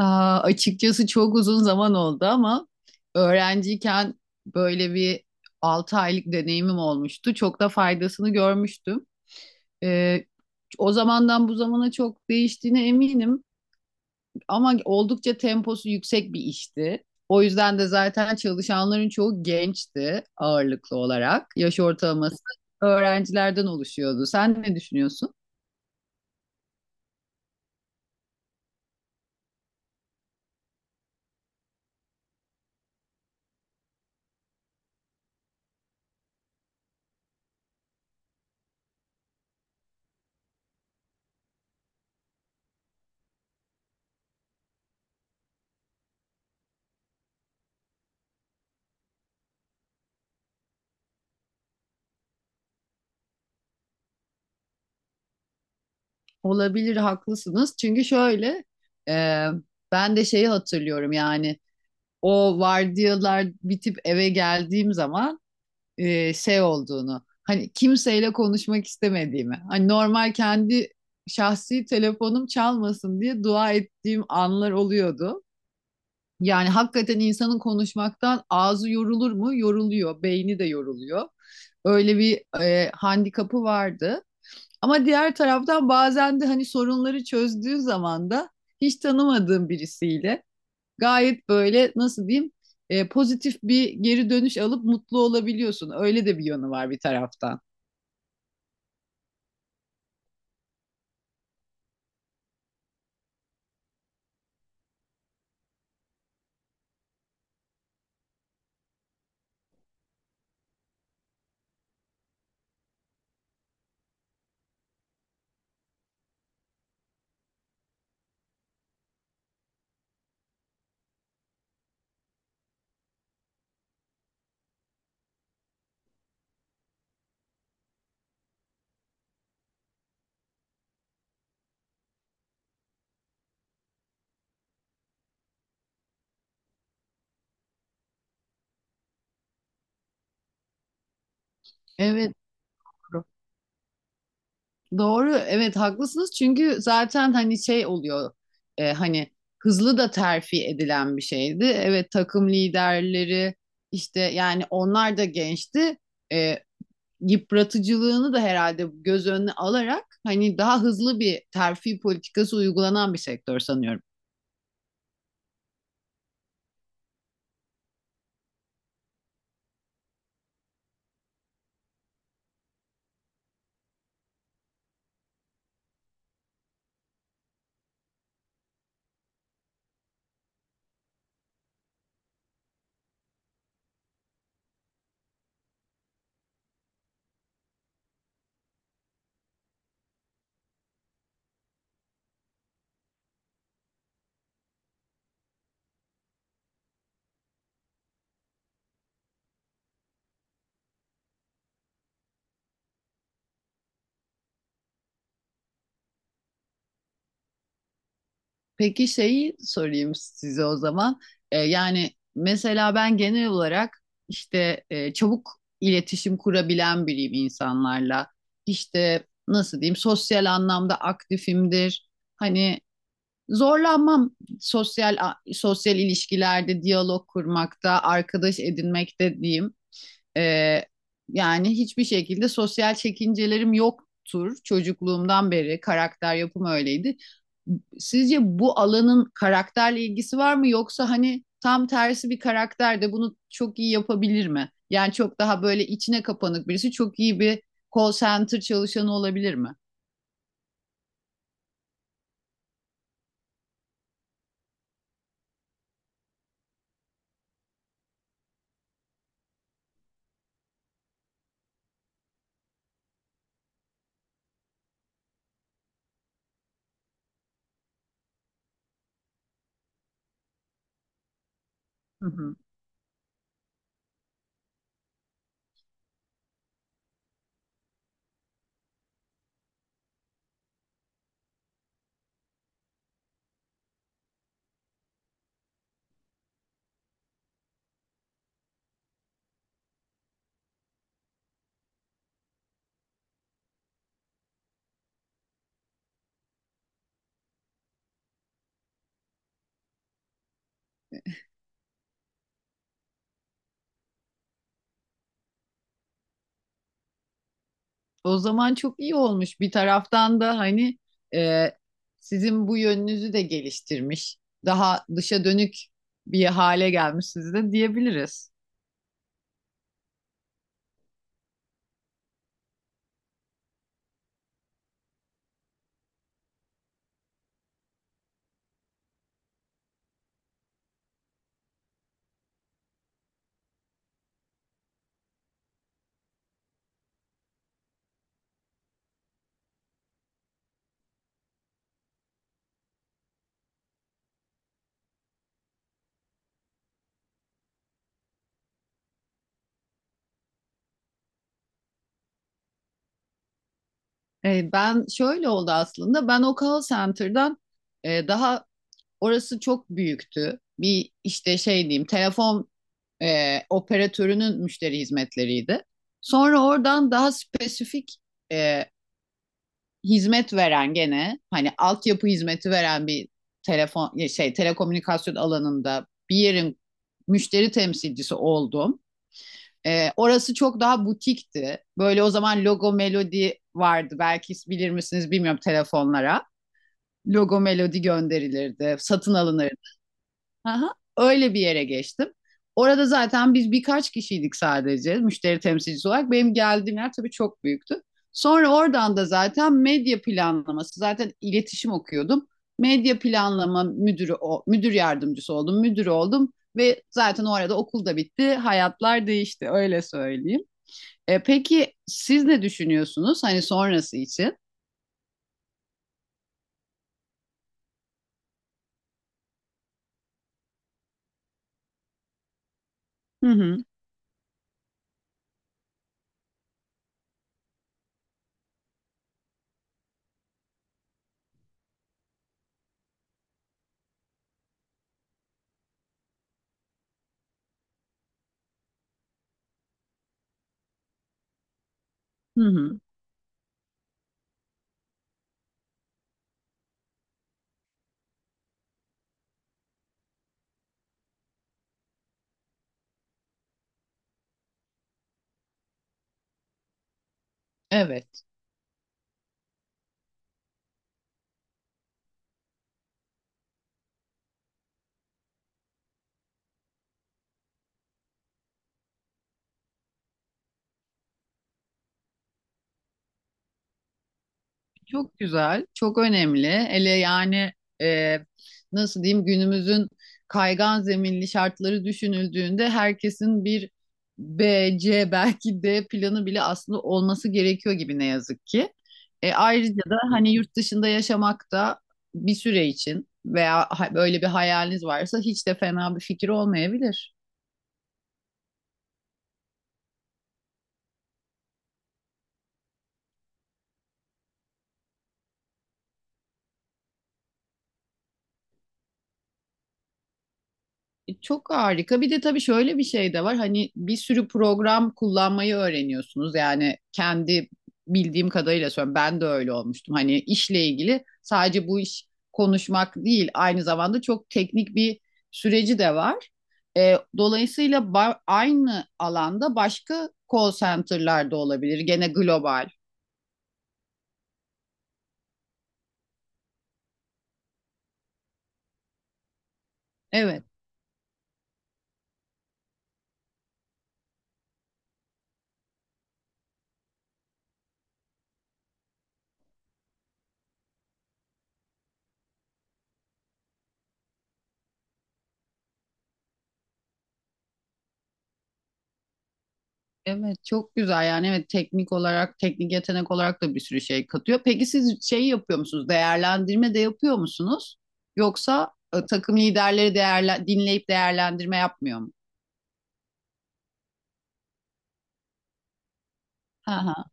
Açıkçası çok uzun zaman oldu ama öğrenciyken böyle bir 6 aylık deneyimim olmuştu. Çok da faydasını görmüştüm. Ee, O zamandan bu zamana çok değiştiğine eminim ama oldukça temposu yüksek bir işti. O yüzden de zaten çalışanların çoğu gençti ağırlıklı olarak. Yaş ortalaması öğrencilerden oluşuyordu. Sen ne düşünüyorsun? Olabilir, haklısınız. Çünkü şöyle, e, ben de şeyi hatırlıyorum yani o vardiyalar bitip eve geldiğim zaman, şey olduğunu hani kimseyle konuşmak istemediğimi hani normal kendi şahsi telefonum çalmasın diye dua ettiğim anlar oluyordu. Yani hakikaten insanın konuşmaktan ağzı yorulur mu? Yoruluyor, beyni de yoruluyor. Öyle bir handikapı vardı. Ama diğer taraftan bazen de hani sorunları çözdüğün zaman da hiç tanımadığım birisiyle gayet böyle nasıl diyeyim pozitif bir geri dönüş alıp mutlu olabiliyorsun. Öyle de bir yönü var bir taraftan. Evet, doğru. Doğru, evet, haklısınız çünkü zaten hani şey oluyor, hani hızlı da terfi edilen bir şeydi. Evet, takım liderleri işte yani onlar da gençti. E, Yıpratıcılığını da herhalde göz önüne alarak hani daha hızlı bir terfi politikası uygulanan bir sektör sanıyorum. Peki şeyi sorayım size o zaman. Yani mesela ben genel olarak işte çabuk iletişim kurabilen biriyim insanlarla. İşte nasıl diyeyim, sosyal anlamda aktifimdir. Hani zorlanmam sosyal sosyal ilişkilerde diyalog kurmakta, arkadaş edinmekte diyeyim. Ee, Yani hiçbir şekilde sosyal çekincelerim yoktur. Çocukluğumdan beri karakter yapım öyleydi. Sizce bu alanın karakterle ilgisi var mı yoksa hani tam tersi bir karakter de bunu çok iyi yapabilir mi? Yani çok daha böyle içine kapanık birisi çok iyi bir call center çalışanı olabilir mi? Hı hı. O zaman çok iyi olmuş. Bir taraftan da hani e, sizin bu yönünüzü de geliştirmiş. Daha dışa dönük bir hale gelmişsiniz de diyebiliriz. Ben şöyle oldu aslında. Ben o call center'dan, daha, orası çok büyüktü. Bir işte şey diyeyim, telefon operatörünün müşteri hizmetleriydi. Sonra oradan daha spesifik, e, hizmet veren gene hani altyapı hizmeti veren bir telefon şey telekomünikasyon alanında bir yerin müşteri temsilcisi oldum. Orası çok daha butikti. Böyle, o zaman logo melodi vardı. Belki bilir misiniz bilmiyorum, telefonlara. Logo melodi gönderilirdi, satın alınırdı. Aha, öyle bir yere geçtim. Orada zaten biz birkaç kişiydik sadece müşteri temsilcisi olarak. Benim geldiğim yer tabii çok büyüktü. Sonra oradan da zaten medya planlaması, zaten iletişim okuyordum. Medya planlama müdürü, müdür yardımcısı oldum, müdür oldum ve zaten o arada okul da bitti, hayatlar değişti öyle söyleyeyim. Peki siz ne düşünüyorsunuz hani sonrası için? Hı hı, hı hı. Evet. Çok güzel, çok önemli. Hele yani e, nasıl diyeyim, günümüzün kaygan zeminli şartları düşünüldüğünde herkesin bir B, C belki D planı bile aslında olması gerekiyor gibi, ne yazık ki. Ayrıca da hani yurt dışında yaşamak da bir süre için veya böyle bir hayaliniz varsa hiç de fena bir fikir olmayabilir. Çok harika. Bir de tabii şöyle bir şey de var. Hani bir sürü program kullanmayı öğreniyorsunuz. Yani kendi bildiğim kadarıyla söylüyorum. Ben de öyle olmuştum. Hani işle ilgili sadece bu iş konuşmak değil, aynı zamanda çok teknik bir süreci de var. Dolayısıyla aynı alanda başka call center'lar da olabilir. Gene global. Evet. Evet, çok güzel yani, evet, teknik olarak, teknik yetenek olarak da bir sürü şey katıyor. Peki siz şey yapıyor musunuz? Değerlendirme de yapıyor musunuz? Yoksa takım liderleri değerlen dinleyip değerlendirme yapmıyor mu? Ha ha.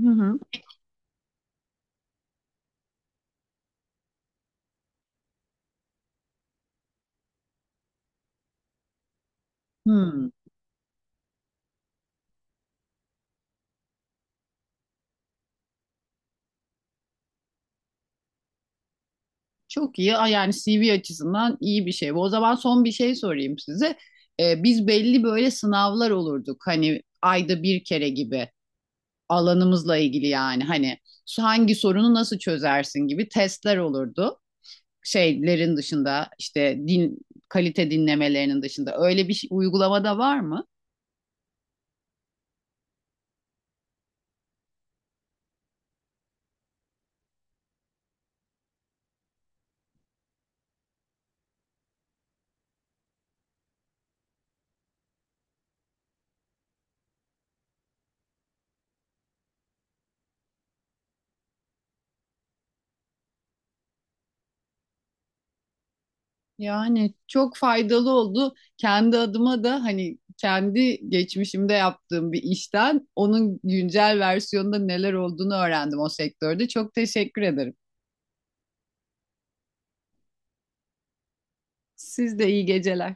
Hı hı. Hmm, çok iyi. Aa, yani CV açısından iyi bir şey bu. O zaman son bir şey sorayım size. Biz belli böyle sınavlar olurduk. Hani ayda bir kere gibi, alanımızla ilgili yani. Hani hangi sorunu nasıl çözersin gibi testler olurdu. Şeylerin dışında, işte din, kalite dinlemelerinin dışında öyle bir uygulama var mı? Yani çok faydalı oldu. Kendi adıma da hani kendi geçmişimde yaptığım bir işten onun güncel versiyonunda neler olduğunu öğrendim o sektörde. Çok teşekkür ederim. Siz de iyi geceler.